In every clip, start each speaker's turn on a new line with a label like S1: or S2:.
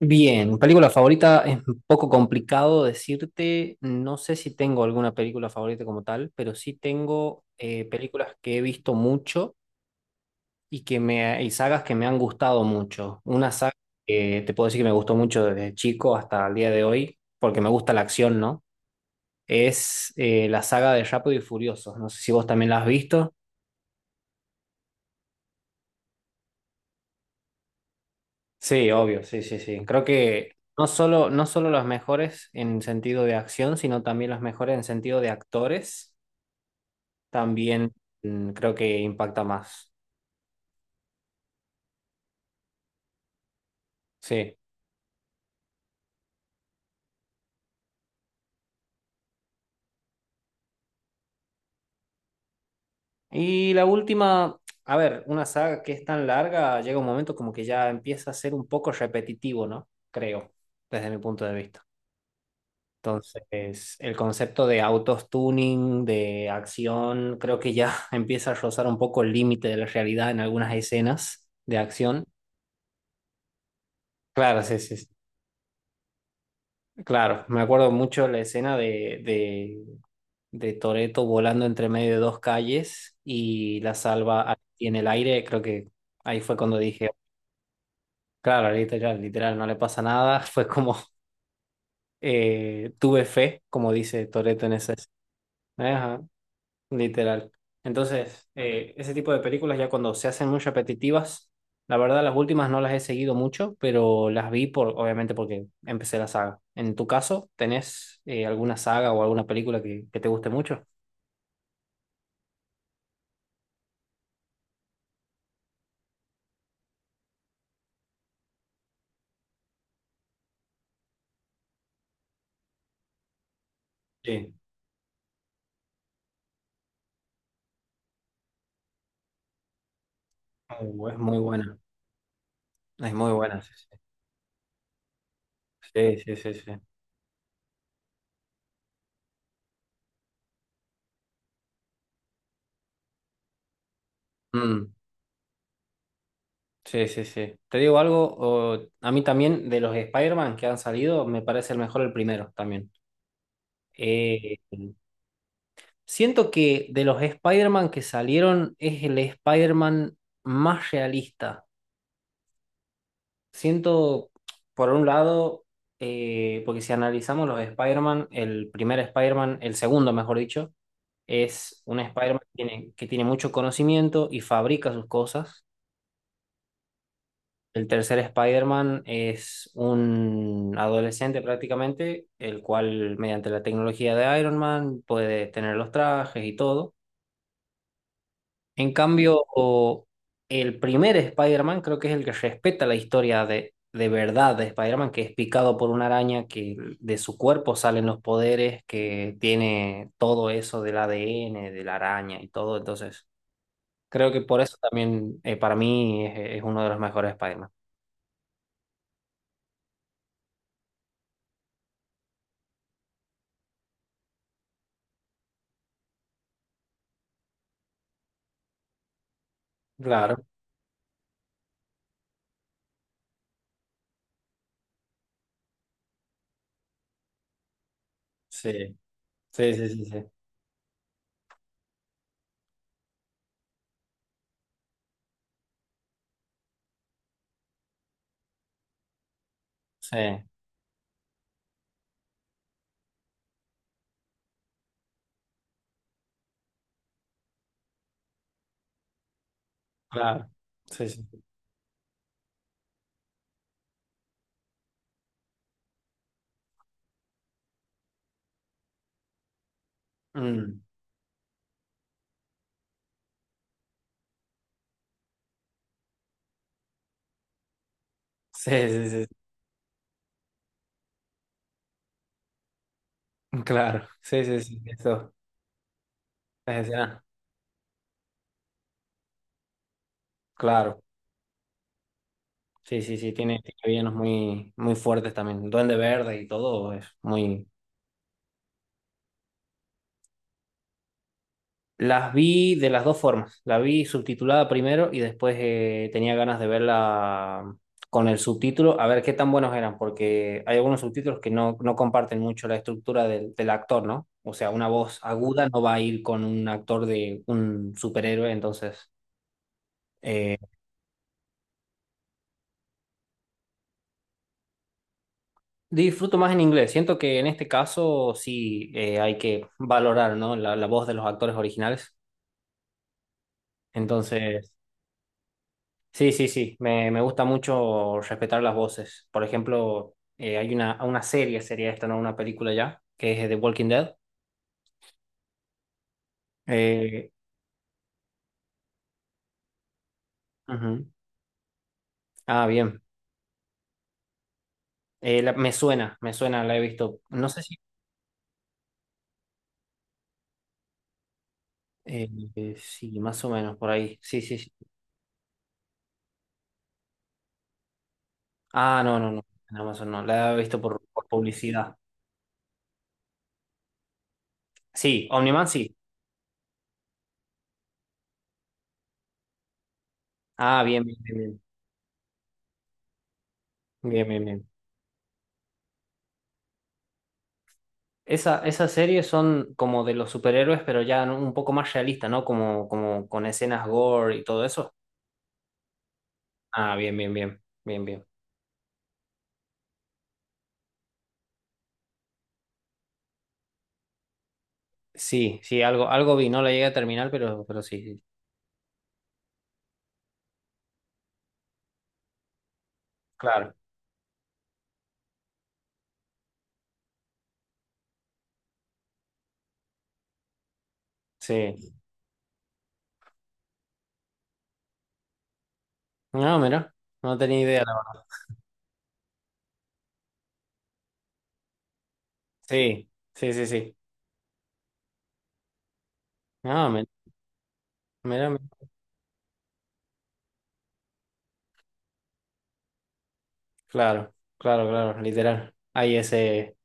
S1: Bien, película favorita es un poco complicado decirte, no sé si tengo alguna película favorita como tal, pero sí tengo películas que he visto mucho y que me y sagas que me han gustado mucho. Una saga que te puedo decir que me gustó mucho desde chico hasta el día de hoy, porque me gusta la acción, ¿no? Es la saga de Rápido y Furioso. No sé si vos también la has visto. Sí, obvio, sí, sí, sí. Creo que no solo las mejores en sentido de acción, sino también las mejores en sentido de actores. También creo que impacta más. Sí. Y la última, a ver, una saga que es tan larga, llega un momento como que ya empieza a ser un poco repetitivo, ¿no? Creo, desde mi punto de vista. Entonces, el concepto de autos tuning, de acción, creo que ya empieza a rozar un poco el límite de la realidad en algunas escenas de acción. Claro, sí, sí, sí. Claro. Me acuerdo mucho la escena de, de de Toretto volando entre medio de dos calles y la salva a- y en el aire. Creo que ahí fue cuando dije, claro, literal, literal, no le pasa nada. Fue como, tuve fe, como dice Toretto en ese. Ajá, literal. Entonces, ese tipo de películas ya cuando se hacen muy repetitivas, la verdad las últimas no las he seguido mucho, pero las vi por, obviamente porque empecé la saga. En tu caso, ¿tenés alguna saga o alguna película que te guste mucho? Sí. Oh, es muy buena. Es muy buena, sí, sí, sí, sí, sí, sí. Mm, sí, sí, sí. Te digo algo, o- a mí también de los Spider-Man que han salido, me parece el mejor el primero también. Eh, siento que de los Spider-Man que salieron es el Spider-Man más realista. Siento, por un lado, porque si analizamos los Spider-Man, el primer Spider-Man, el segundo, mejor dicho, es un Spider-Man que tiene mucho conocimiento y fabrica sus cosas. El tercer Spider-Man es un adolescente prácticamente, el cual mediante la tecnología de Iron Man puede tener los trajes y todo. En cambio, o- el primer Spider-Man creo que es el que respeta la historia de verdad de Spider-Man, que es picado por una araña, que de su cuerpo salen los poderes, que tiene todo eso del ADN, de la araña y todo. Entonces, creo que por eso también para mí es uno de los mejores Spider-Man. Claro, sí. Sí, sí, sí, sí. Sí, claro. Sí, sí. Mm, sí, sí, sí, sí. Claro. Sí, sí, sí. Eso. Es escena. Claro. Sí, sí, sí. Tiene, tiene villanos muy, muy fuertes también. Duende Verde y todo es muy. Las vi de las dos formas. La vi subtitulada primero y después tenía ganas de verla con el subtítulo, a ver qué tan buenos eran, porque hay algunos subtítulos que no, no comparten mucho la estructura del, del actor, ¿no? O sea, una voz aguda no va a ir con un actor de un superhéroe, entonces eh, disfruto más en inglés. Siento que en este caso sí hay que valorar, ¿no? La voz de los actores originales. Entonces, sí, sí, sí, me gusta mucho respetar las voces. Por ejemplo, hay una serie, sería esta, no una película ya, que es The Walking Dead. Eh, ujú. Ah, bien. La- me suena, la he visto. No sé si... eh, sí, más o menos, por ahí. Sí, sí, sí. Ah, no, no, no. En Amazon no, la he visto por publicidad. Sí, Omniman sí. Ah, bien, bien, bien, bien. Bien, bien, bien. Esa, esas series son como de los superhéroes, pero ya un poco más realistas, ¿no? Como, como con escenas gore y todo eso. Ah, bien, bien, bien, bien, bien. Sí, sí, algo, algo vi, no la llegué a terminar, pero sí, sí, claro, sí. No, mira, no tenía idea, la verdad. Sí, sí, sí, sí. No, mira, mira, mira. Claro, claro, claro, literal. Hay ese,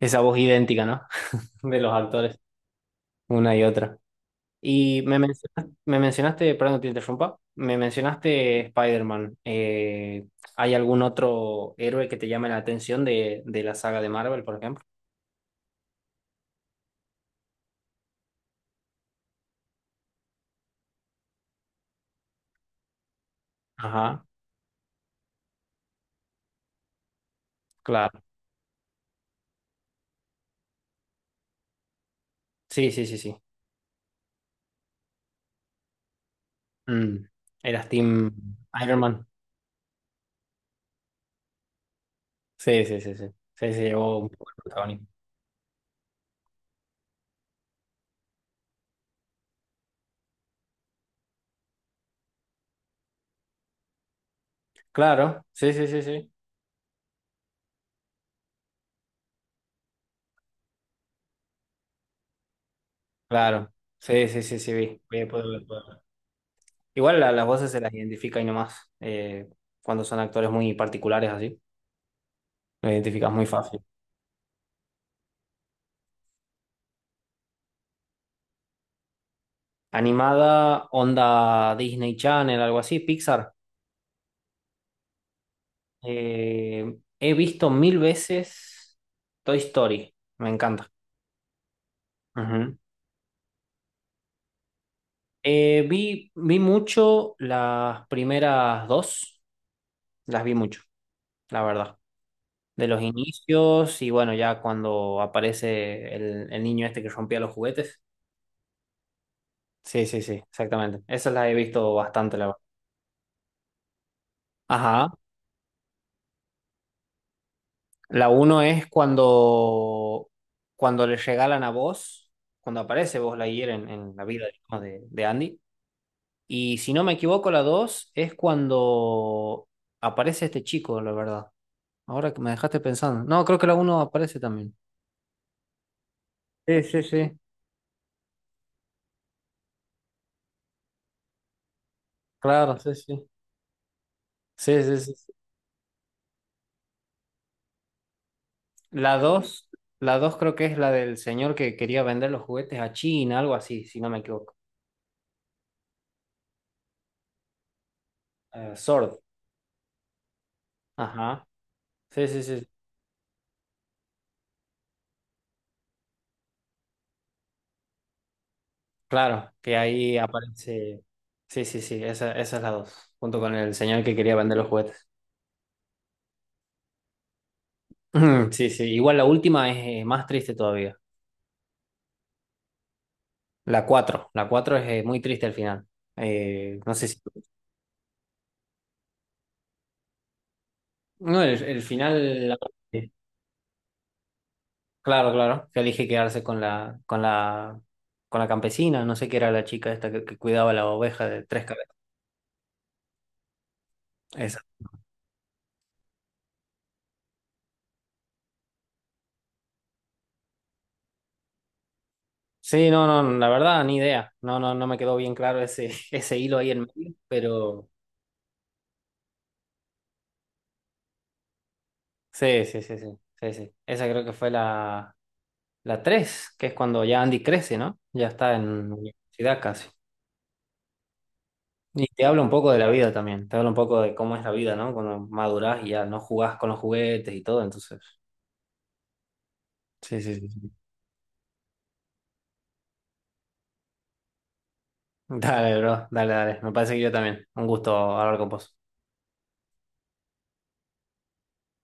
S1: esa voz idéntica, ¿no? De los actores, una y otra. Y me mencionaste, perdón, te interrumpa, me mencionaste Spider-Man. ¿Hay algún otro héroe que te llame la atención de la saga de Marvel, por ejemplo? Ajá, claro. Sí, sí, sí, sí. Mm, eras Team Iron Man. Sí, sí, sí, sí. Sí, se llevó un poco el protagonismo. Claro, sí, sí, sí, sí. Claro. Sí, sí, sí, sí, vi. Voy a poder ver, puedo ver. Igual la- las voces se las identifica y nomás. Cuando son actores muy particulares así, lo identificas muy fácil. Animada, onda Disney Channel, algo así, Pixar. He visto mil veces Toy Story. Me encanta. Ujú. Vi, vi mucho las primeras dos. Las vi mucho, la verdad. De los inicios y bueno, ya cuando aparece el niño este que rompía los juguetes. Sí, sí, sí, exactamente. Esas las he visto bastante, la verdad. Ajá. La uno es cuando, cuando le regalan a vos, cuando aparece vos la en la vida digamos, de Andy. Y si no me equivoco, la dos es cuando aparece este chico, la verdad. Ahora que me dejaste pensando. No, creo que la uno aparece también. Sí, sí, sí. Claro, sí, sí. Sí, sí, sí. La dos, la dos creo que es la del señor que quería vender los juguetes a China, algo así, si no me equivoco. Sword. Ajá. Sí, sí, sí. Claro, que ahí aparece. Sí, sí, sí, esa es la dos, junto con el señor que quería vender los juguetes. Sí, sí, igual la última es más triste todavía. La cuatro es muy triste al final. No sé si... No, el final... Claro, claro, que elige quedarse con la, con la, con la campesina, no sé qué era la chica esta que cuidaba la oveja de tres cabezas. Esa. Sí, no, no, la verdad, ni idea. No, no, no me quedó bien claro ese, ese hilo ahí en medio, pero sí, sí, sí, sí, sí, sí. Esa creo que fue la, la tres, que es cuando ya Andy crece, ¿no? Ya está en universidad casi. Y te habla un poco de la vida también, te habla un poco de cómo es la vida, ¿no? Cuando madurás y ya no jugás con los juguetes y todo, entonces. Sí, sí, sí. Dale, bro, dale, dale. Me parece que yo también. Un gusto hablar con vos.